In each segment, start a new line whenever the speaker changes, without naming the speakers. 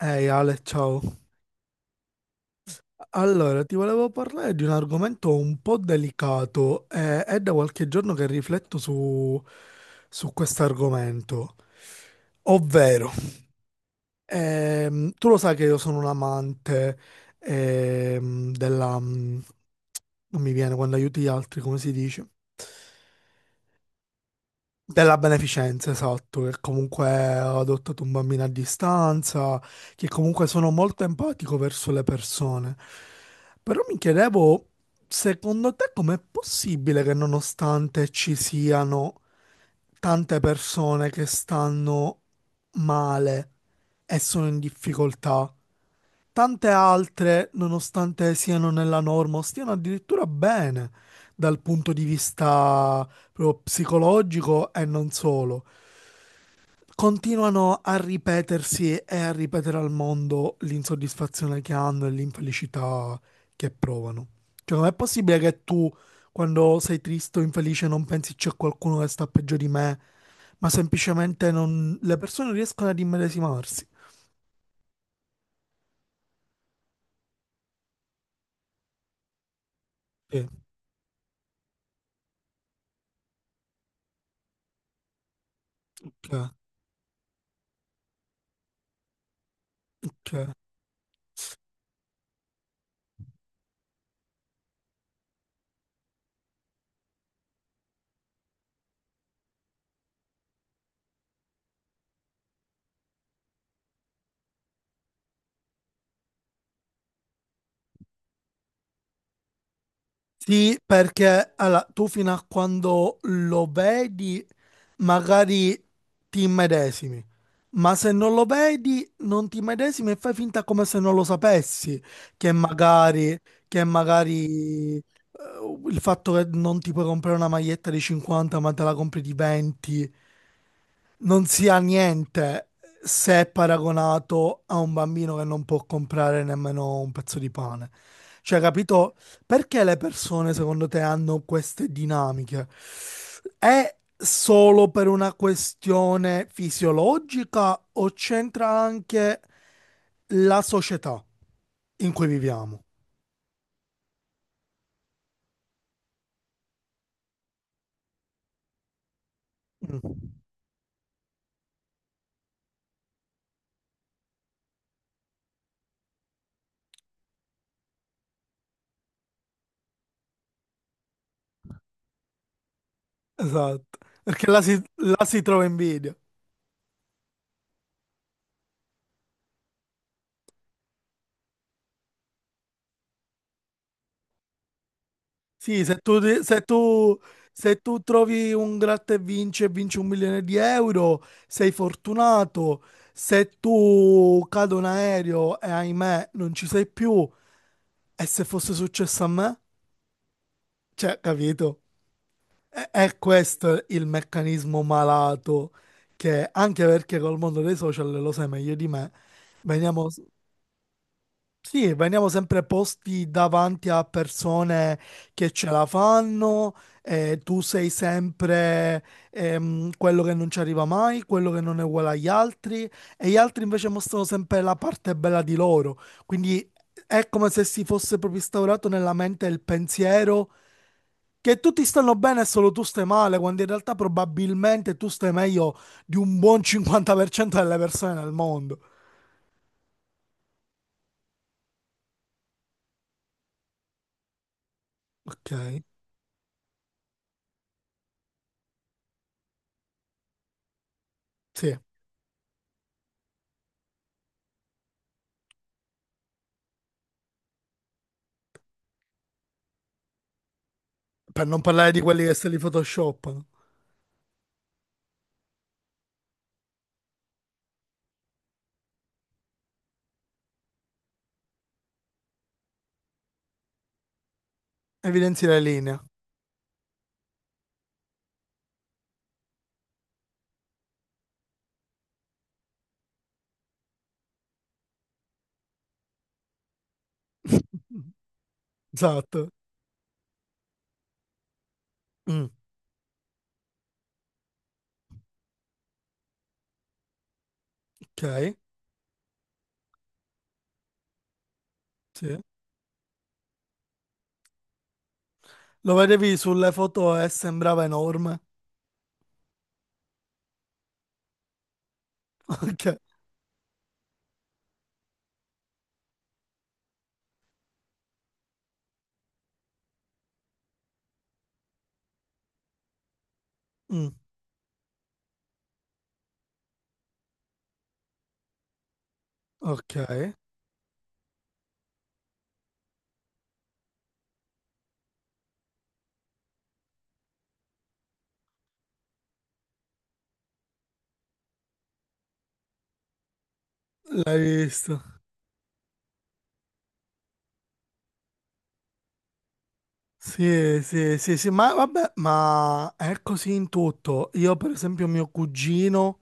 Ehi Ale, ciao. Allora, ti volevo parlare di un argomento un po' delicato. È da qualche giorno che rifletto su questo argomento. Ovvero, tu lo sai che io sono un amante della... non mi viene, quando aiuti gli altri, come si dice? Della beneficenza, esatto, che comunque ho adottato un bambino a distanza, che comunque sono molto empatico verso le persone. Però mi chiedevo, secondo te com'è possibile che, nonostante ci siano tante persone che stanno male e sono in difficoltà, tante altre, nonostante siano nella norma, o stiano addirittura bene dal punto di vista proprio psicologico e non solo, continuano a ripetersi e a ripetere al mondo l'insoddisfazione che hanno e l'infelicità che provano. Cioè, com'è possibile che tu, quando sei triste o infelice, non pensi c'è qualcuno che sta peggio di me, ma semplicemente non... le persone riescono ad immedesimarsi? Sì, cioè, cioè. Sì, perché allora, tu fino a quando lo vedi, magari ti immedesimi, ma se non lo vedi, non ti immedesimi e fai finta come se non lo sapessi, che magari, che magari eh, il fatto che non ti puoi comprare una maglietta di 50, ma te la compri di 20, non sia niente se è paragonato a un bambino che non può comprare nemmeno un pezzo di pane. Cioè, capito? Perché le persone, secondo te, hanno queste dinamiche? È solo per una questione fisiologica o c'entra anche la società in cui viviamo? Mm. Esatto, perché là si, là si trova invidia. Sì, se tu, se tu trovi un gratta e vinci un milione di euro, sei fortunato. Se tu cade un aereo e ahimè non ci sei più, e se fosse successo a me? Cioè, capito? È questo il meccanismo malato che, anche perché col mondo dei social, lo sai meglio di me, veniamo, sì, veniamo sempre posti davanti a persone che ce la fanno, e tu sei sempre quello che non ci arriva mai, quello che non è uguale agli altri, e gli altri invece mostrano sempre la parte bella di loro. Quindi è come se si fosse proprio instaurato nella mente il pensiero che tutti stanno bene e solo tu stai male, quando in realtà probabilmente tu stai meglio di un buon 50% delle persone nel mondo. Ok, sì. Per non parlare di quelli che se li photoshoppano. Evidenzi le linee. Esatto. Mm, ok, sì. Lo vedevi sulle foto e sembrava enorme. Ok. Mm, ok. L'hai visto? Sì, sì, sì, sì, ma vabbè, ma è così in tutto. Io, per esempio, mio cugino,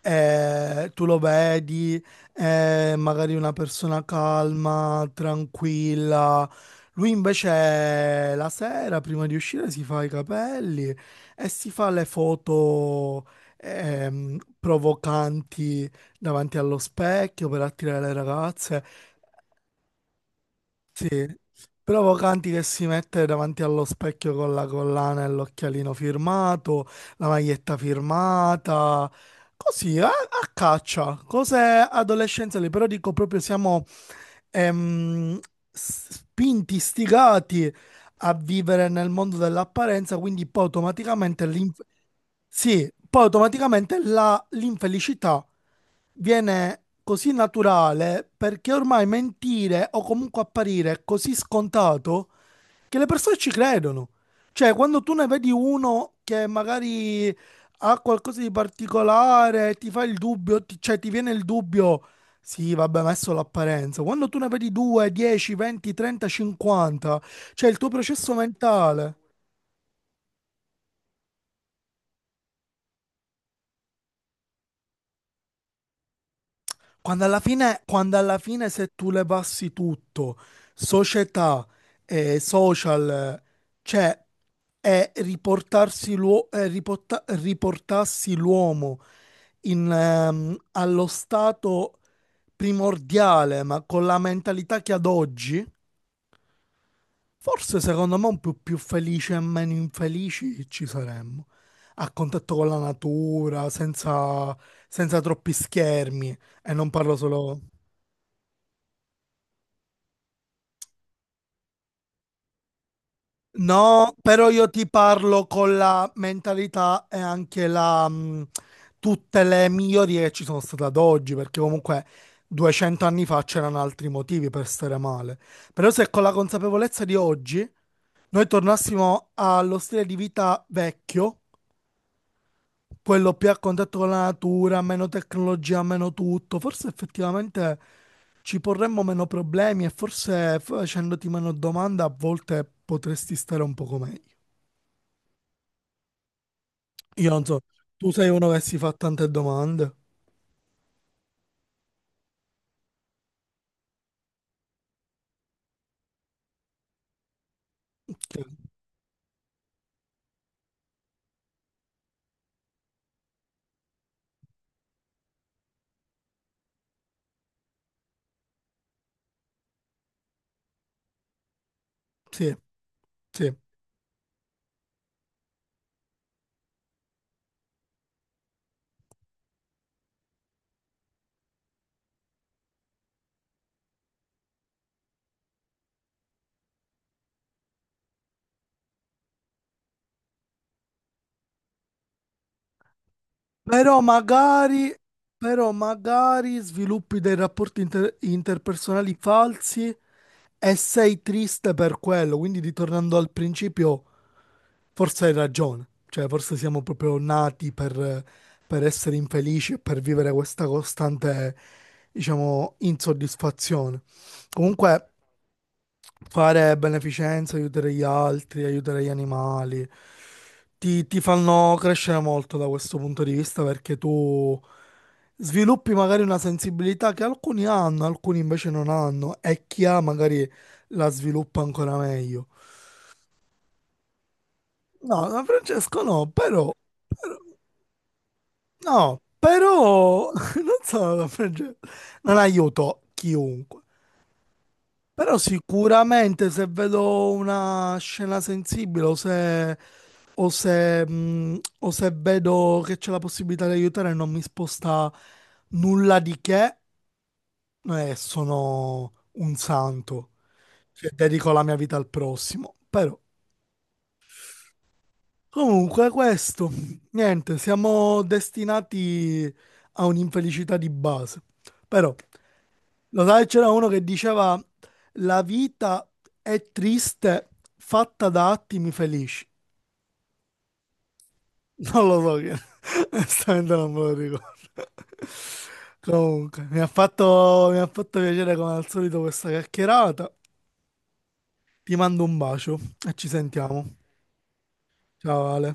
tu lo vedi, è magari una persona calma, tranquilla. Lui invece la sera, prima di uscire, si fa i capelli e si fa le foto provocanti davanti allo specchio per attirare le ragazze. Sì, provocanti, che si mette davanti allo specchio con la collana e l'occhialino firmato, la maglietta firmata, così, a, a caccia, cose adolescenziali, però dico proprio siamo ehm, spinti, stigati a vivere nel mondo dell'apparenza, quindi poi automaticamente sì, poi automaticamente l'infelicità viene così naturale perché ormai mentire o comunque apparire è così scontato che le persone ci credono. Cioè, quando tu ne vedi uno che magari ha qualcosa di particolare, ti fa il dubbio, cioè ti viene il dubbio, sì, vabbè, ma è solo l'apparenza. Quando tu ne vedi 2, 10, 20, 30, 50, c'è il tuo processo mentale. Quando alla fine se tu le passi tutto, società, social, cioè è riportarsi l'uomo in, allo stato primordiale, ma con la mentalità che ad oggi, forse secondo me un po' più felici e meno infelici ci saremmo. A contatto con la natura, senza, senza troppi schermi. E non parlo solo... No, però io ti parlo con la mentalità e anche tutte le migliorie che ci sono state ad oggi, perché comunque 200 anni fa c'erano altri motivi per stare male. Però se con la consapevolezza di oggi noi tornassimo allo stile di vita vecchio, quello più a contatto con la natura, meno tecnologia, meno tutto, forse effettivamente ci porremmo meno problemi e forse facendoti meno domande a volte potresti stare un poco meglio. Io non so, tu sei uno che si fa tante domande. Cioè, sì, sì. Però magari, però magari sviluppi dei rapporti interpersonali falsi e sei triste per quello. Quindi, ritornando al principio, forse hai ragione. Cioè, forse siamo proprio nati per essere infelici e per vivere questa costante, diciamo, insoddisfazione. Comunque. Fare beneficenza, aiutare gli altri, aiutare gli animali, ti fanno crescere molto da questo punto di vista perché tu sviluppi magari una sensibilità che alcuni hanno, alcuni invece non hanno e chi ha magari la sviluppa ancora meglio. No, da Francesco no, però- no, non so, da Francesco, non aiuto chiunque. Però sicuramente se vedo una scena sensibile o se, o se vedo che c'è la possibilità di aiutare e non mi sposta nulla di che, sono un santo. Cioè, dedico la mia vita al prossimo. Però, comunque, questo, niente, siamo destinati a un'infelicità di base. Però, lo sai, c'era uno che diceva la vita è triste fatta da attimi felici. Non lo so che, onestamente non me lo ricordo. Comunque, mi ha fatto piacere come al solito questa chiacchierata. Ti mando un bacio e ci sentiamo. Ciao Ale.